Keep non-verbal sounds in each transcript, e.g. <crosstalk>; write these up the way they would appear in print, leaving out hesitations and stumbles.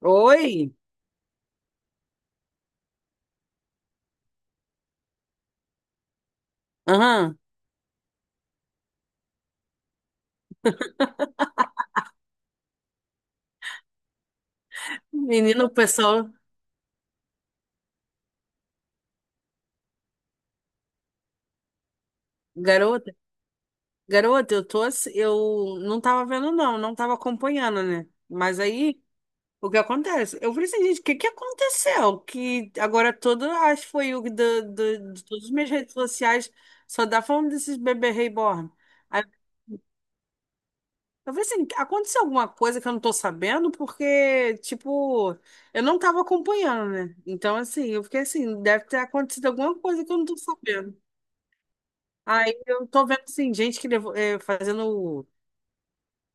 Oi? Aham. Menino, o pessoal, garota, garota, eu não tava vendo não, não tava acompanhando, né? Mas aí, o que acontece? Eu falei assim, gente, o que que aconteceu? Que agora todo, acho que foi de todas as minhas redes sociais, só dá falando desses bebê reborn. Aí, eu falei assim, aconteceu alguma coisa que eu não tô sabendo? Porque, tipo, eu não tava acompanhando, né? Então, assim, eu fiquei assim, deve ter acontecido alguma coisa que eu não tô sabendo. Aí eu tô vendo, assim, gente que levou, fazendo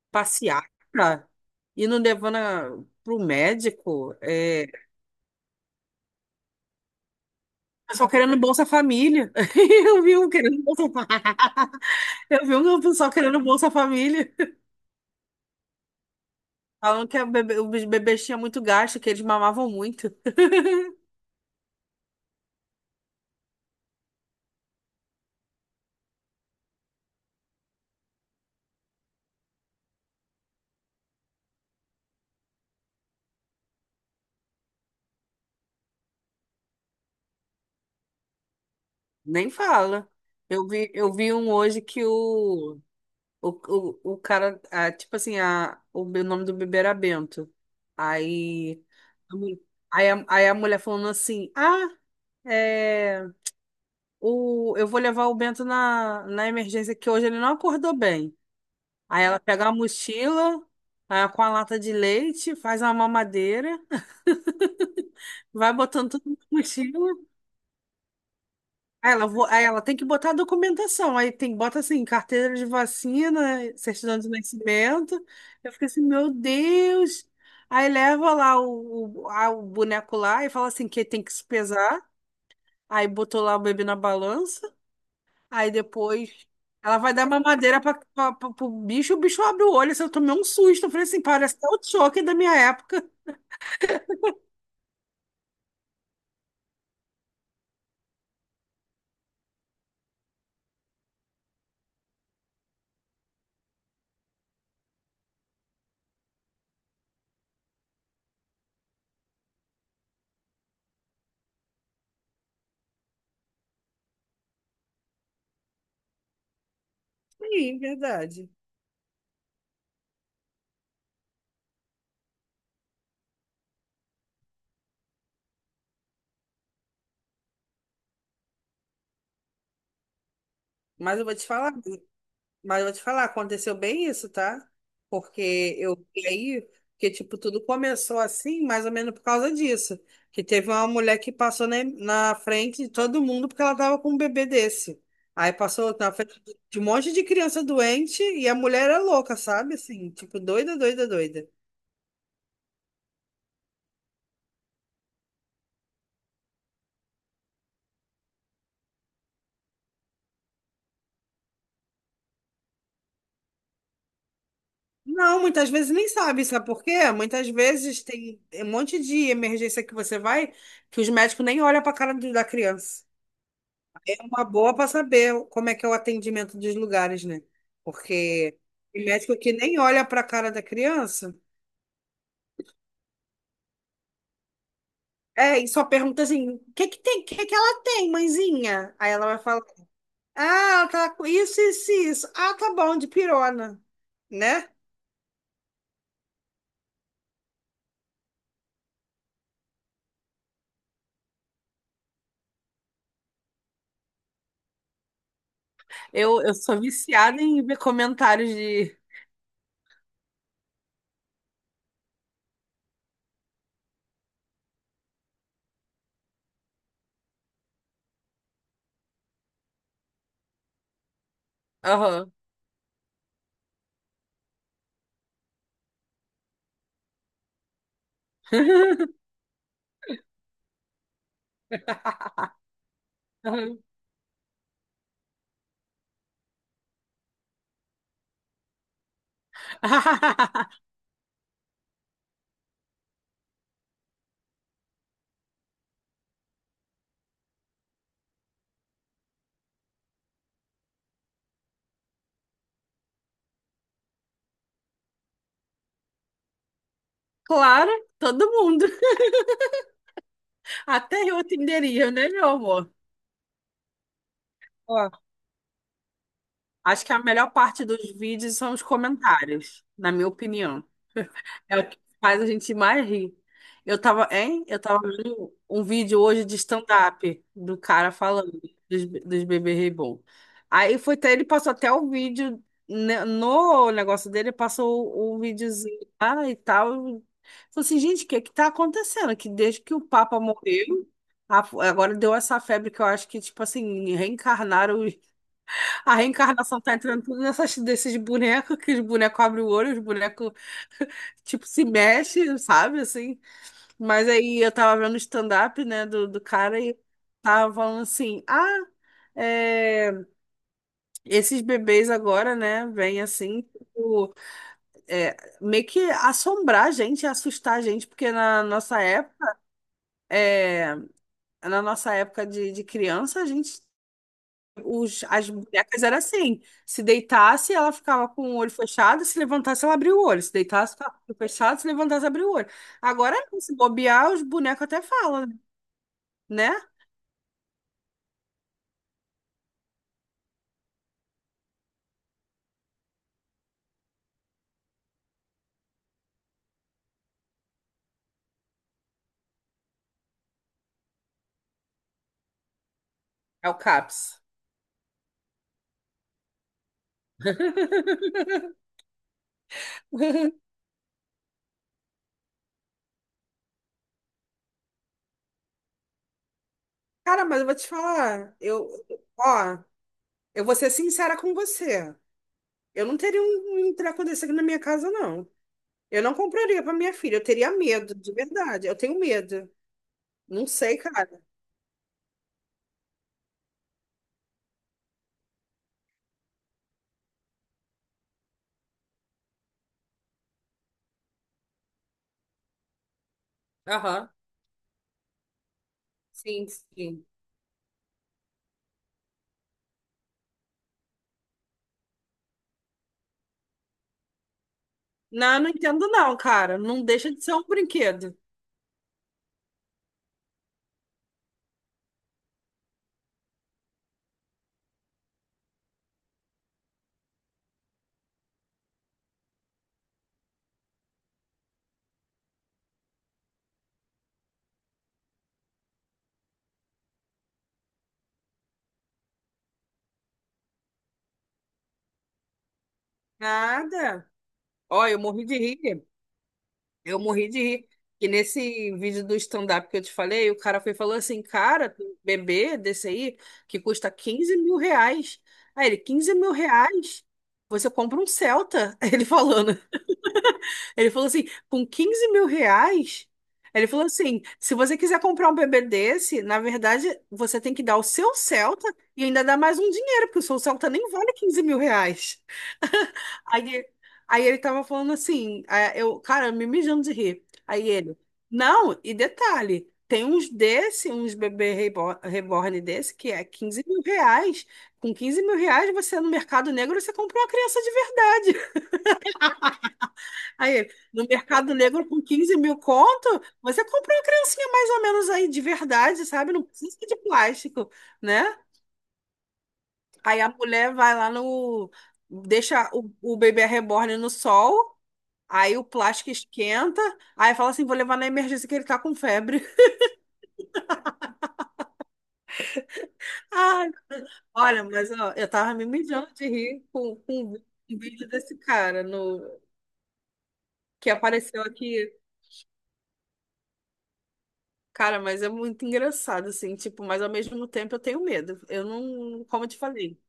passeata e não levando pro médico. É, pessoal querendo Bolsa Família. <laughs> Eu vi um querendo Bolsa Família. Eu vi um pessoal querendo Bolsa Família. Falando que a bebê, os bebês tinham muito gasto, que eles mamavam muito. <laughs> Nem fala. Eu vi um hoje que O, o cara, tipo assim, nome do bebê era Bento. Aí, a mu- aí, a, aí a mulher falando assim: Ah, é, eu vou levar o Bento na emergência, que hoje ele não acordou bem. Aí ela pega a mochila, com a lata de leite, faz uma mamadeira, <laughs> vai botando tudo na mochila. Aí ela tem que botar a documentação. Aí tem, bota assim, carteira de vacina, certidão de nascimento. Eu fico assim, meu Deus. Aí leva lá o boneco lá e fala assim que tem que se pesar. Aí botou lá o bebê na balança. Aí depois ela vai dar mamadeira pro bicho, o bicho abre o olho. Assim, eu tomei um susto. Eu falei assim, parece até o choque da minha época. Sim, verdade. Mas eu vou te falar. Mas eu vou te falar, aconteceu bem isso, tá? Porque eu e aí, que tipo, tudo começou assim, mais ou menos por causa disso. Que teve uma mulher que passou na frente de todo mundo porque ela tava com um bebê desse. Aí passou na frente de um monte de criança doente e a mulher era louca, sabe? Assim, tipo, doida, doida, doida. Não, muitas vezes nem sabe, sabe por quê? Muitas vezes tem um monte de emergência que você vai que os médicos nem olham para a cara da criança. É uma boa para saber como é que é o atendimento dos lugares, né? Porque tem médico que nem olha para a cara da criança, e só pergunta assim: o que que tem? O que que ela tem, mãezinha? Aí ela vai falar: ah, ela tá com isso, isso, e isso. Ah, tá bom, de pirona, né? Eu sou viciada em ver comentários de. Aham. <laughs> Aham. <laughs> Claro, todo mundo. Até eu atenderia, né, meu amor? Ó, acho que a melhor parte dos vídeos são os comentários, na minha opinião. É o que faz a gente mais rir. Eu tava, hein? Eu tava vendo um vídeo hoje de stand-up do cara falando dos bebês reborn. Aí foi até, ele passou até o vídeo né, no negócio dele, passou o videozinho lá e tal. Falei assim, gente, o que é que tá acontecendo? Que desde que o Papa morreu, agora deu essa febre que eu acho que, tipo assim, reencarnaram a reencarnação tá entrando tudo desses bonecos, que os bonecos abrem o olho, os bonecos, tipo, se mexem, sabe, assim. Mas aí eu tava vendo o stand-up, né, do cara e tava falando assim, é, esses bebês agora, né, vêm assim, tipo, é, meio que assombrar a gente, assustar a gente, porque na nossa época, é, na nossa época de criança, as bonecas era assim. Se deitasse, ela ficava com o olho fechado, se levantasse, ela abria o olho. Se deitasse, ficava com o olho fechado, se levantasse, abria o olho. Agora, não, se bobear, os bonecos até falam, né? É o CAPS. <laughs> Cara, mas eu vou te falar, ó, eu vou ser sincera com você. Eu não teria um treco desse aqui na minha casa, não. Eu não compraria para minha filha, eu teria medo, de verdade. Eu tenho medo. Não sei, cara. Aham. Sim, sim. Não, não entendo não, cara. Não deixa de ser um brinquedo. Nada. Ó, eu morri de rir. Eu morri de rir. Que nesse vídeo do stand-up que eu te falei, o cara foi e falou assim, cara, tem um bebê desse aí que custa R$ 15.000. Aí ele, 15 mil reais? Você compra um Celta. <laughs> Ele falando. Ele falou assim, com R$ 15.000? Ele falou assim, se você quiser comprar um bebê desse, na verdade, você tem que dar o seu Celta e ainda dar mais um dinheiro, porque o seu Celta nem vale R$ 15.000. Aí, aí ele tava falando assim, cara, me mijando de rir. Aí ele, não, e detalhe, tem uns desse, uns bebê reborn desse, que é R$ 15.000. Com R$ 15.000, você no mercado negro, você compra uma criança de verdade. Aí, no mercado negro, com 15 mil conto, você compra uma criancinha mais ou menos aí de verdade, sabe? Não precisa de plástico, né? Aí a mulher vai lá no. Deixa o bebê reborn no sol, aí o plástico esquenta, aí fala assim: vou levar na emergência que ele tá com febre. <laughs> Ai, olha, mas ó, eu tava me mijando de rir com um vídeo desse cara no, que apareceu aqui. Cara, mas é muito engraçado, assim, tipo, mas ao mesmo tempo eu tenho medo. Eu não, como eu te falei,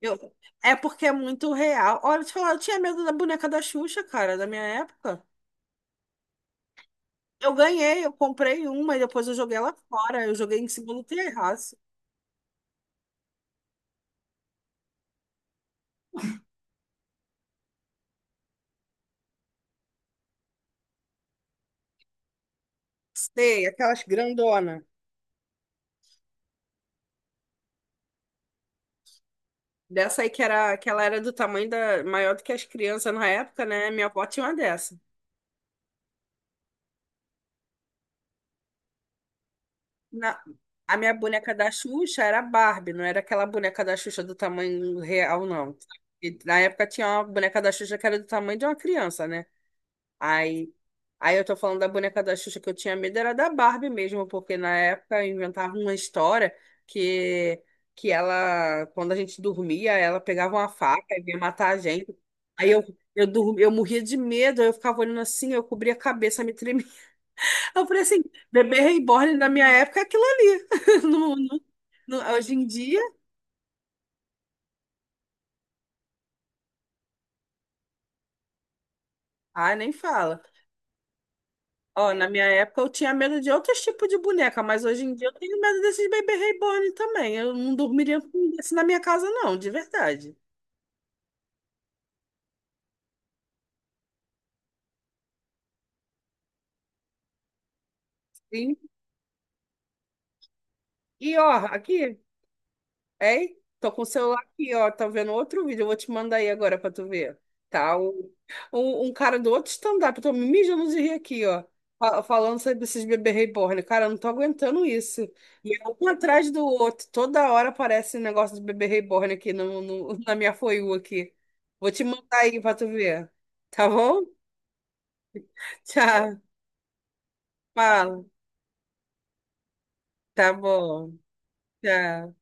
eu, é porque é muito real. Olha, te falar, eu tinha medo da boneca da Xuxa, cara, da minha época. Eu ganhei, eu comprei uma e depois eu joguei ela fora. Eu joguei em cima do terraço. Sei, aquelas grandona. Dessa aí que era, que ela era do tamanho maior do que as crianças na época, né? Minha avó tinha uma dessa. Na- A minha boneca da Xuxa era Barbie, não era aquela boneca da Xuxa do tamanho real, não. E na época tinha uma boneca da Xuxa que era do tamanho de uma criança, né? Aí, aí eu tô falando da boneca da Xuxa que eu tinha medo, era da Barbie mesmo, porque na época inventava uma história que, que ela, quando a gente dormia, ela pegava uma faca e vinha matar a gente. Aí eu dormi, eu morria de medo, eu ficava olhando assim, eu cobria a cabeça, me tremia eu falei assim, bebê reborn na minha época é aquilo ali. <laughs> Não- não- hoje em dia, ah, nem fala. Ó, na minha época eu tinha medo de outros tipos de boneca, mas hoje em dia eu tenho medo desses bebê reborn também. Eu não dormiria com um desse na minha casa, não, de verdade. Sim. E ó, aqui. Ei, tô com o celular aqui, ó. Tá vendo outro vídeo. Eu vou te mandar aí agora pra tu ver. Tá? Um cara do outro stand-up. Eu tô me mijando de rir aqui, ó. Falando sobre esses bebês reborn. Cara, eu não tô aguentando isso. E é um atrás do outro. Toda hora aparece um negócio de bebê reborn aqui na minha For You aqui. Vou te mandar aí pra tu ver. Tá bom? <laughs> Tchau. Fala. Tá bom. Tchau.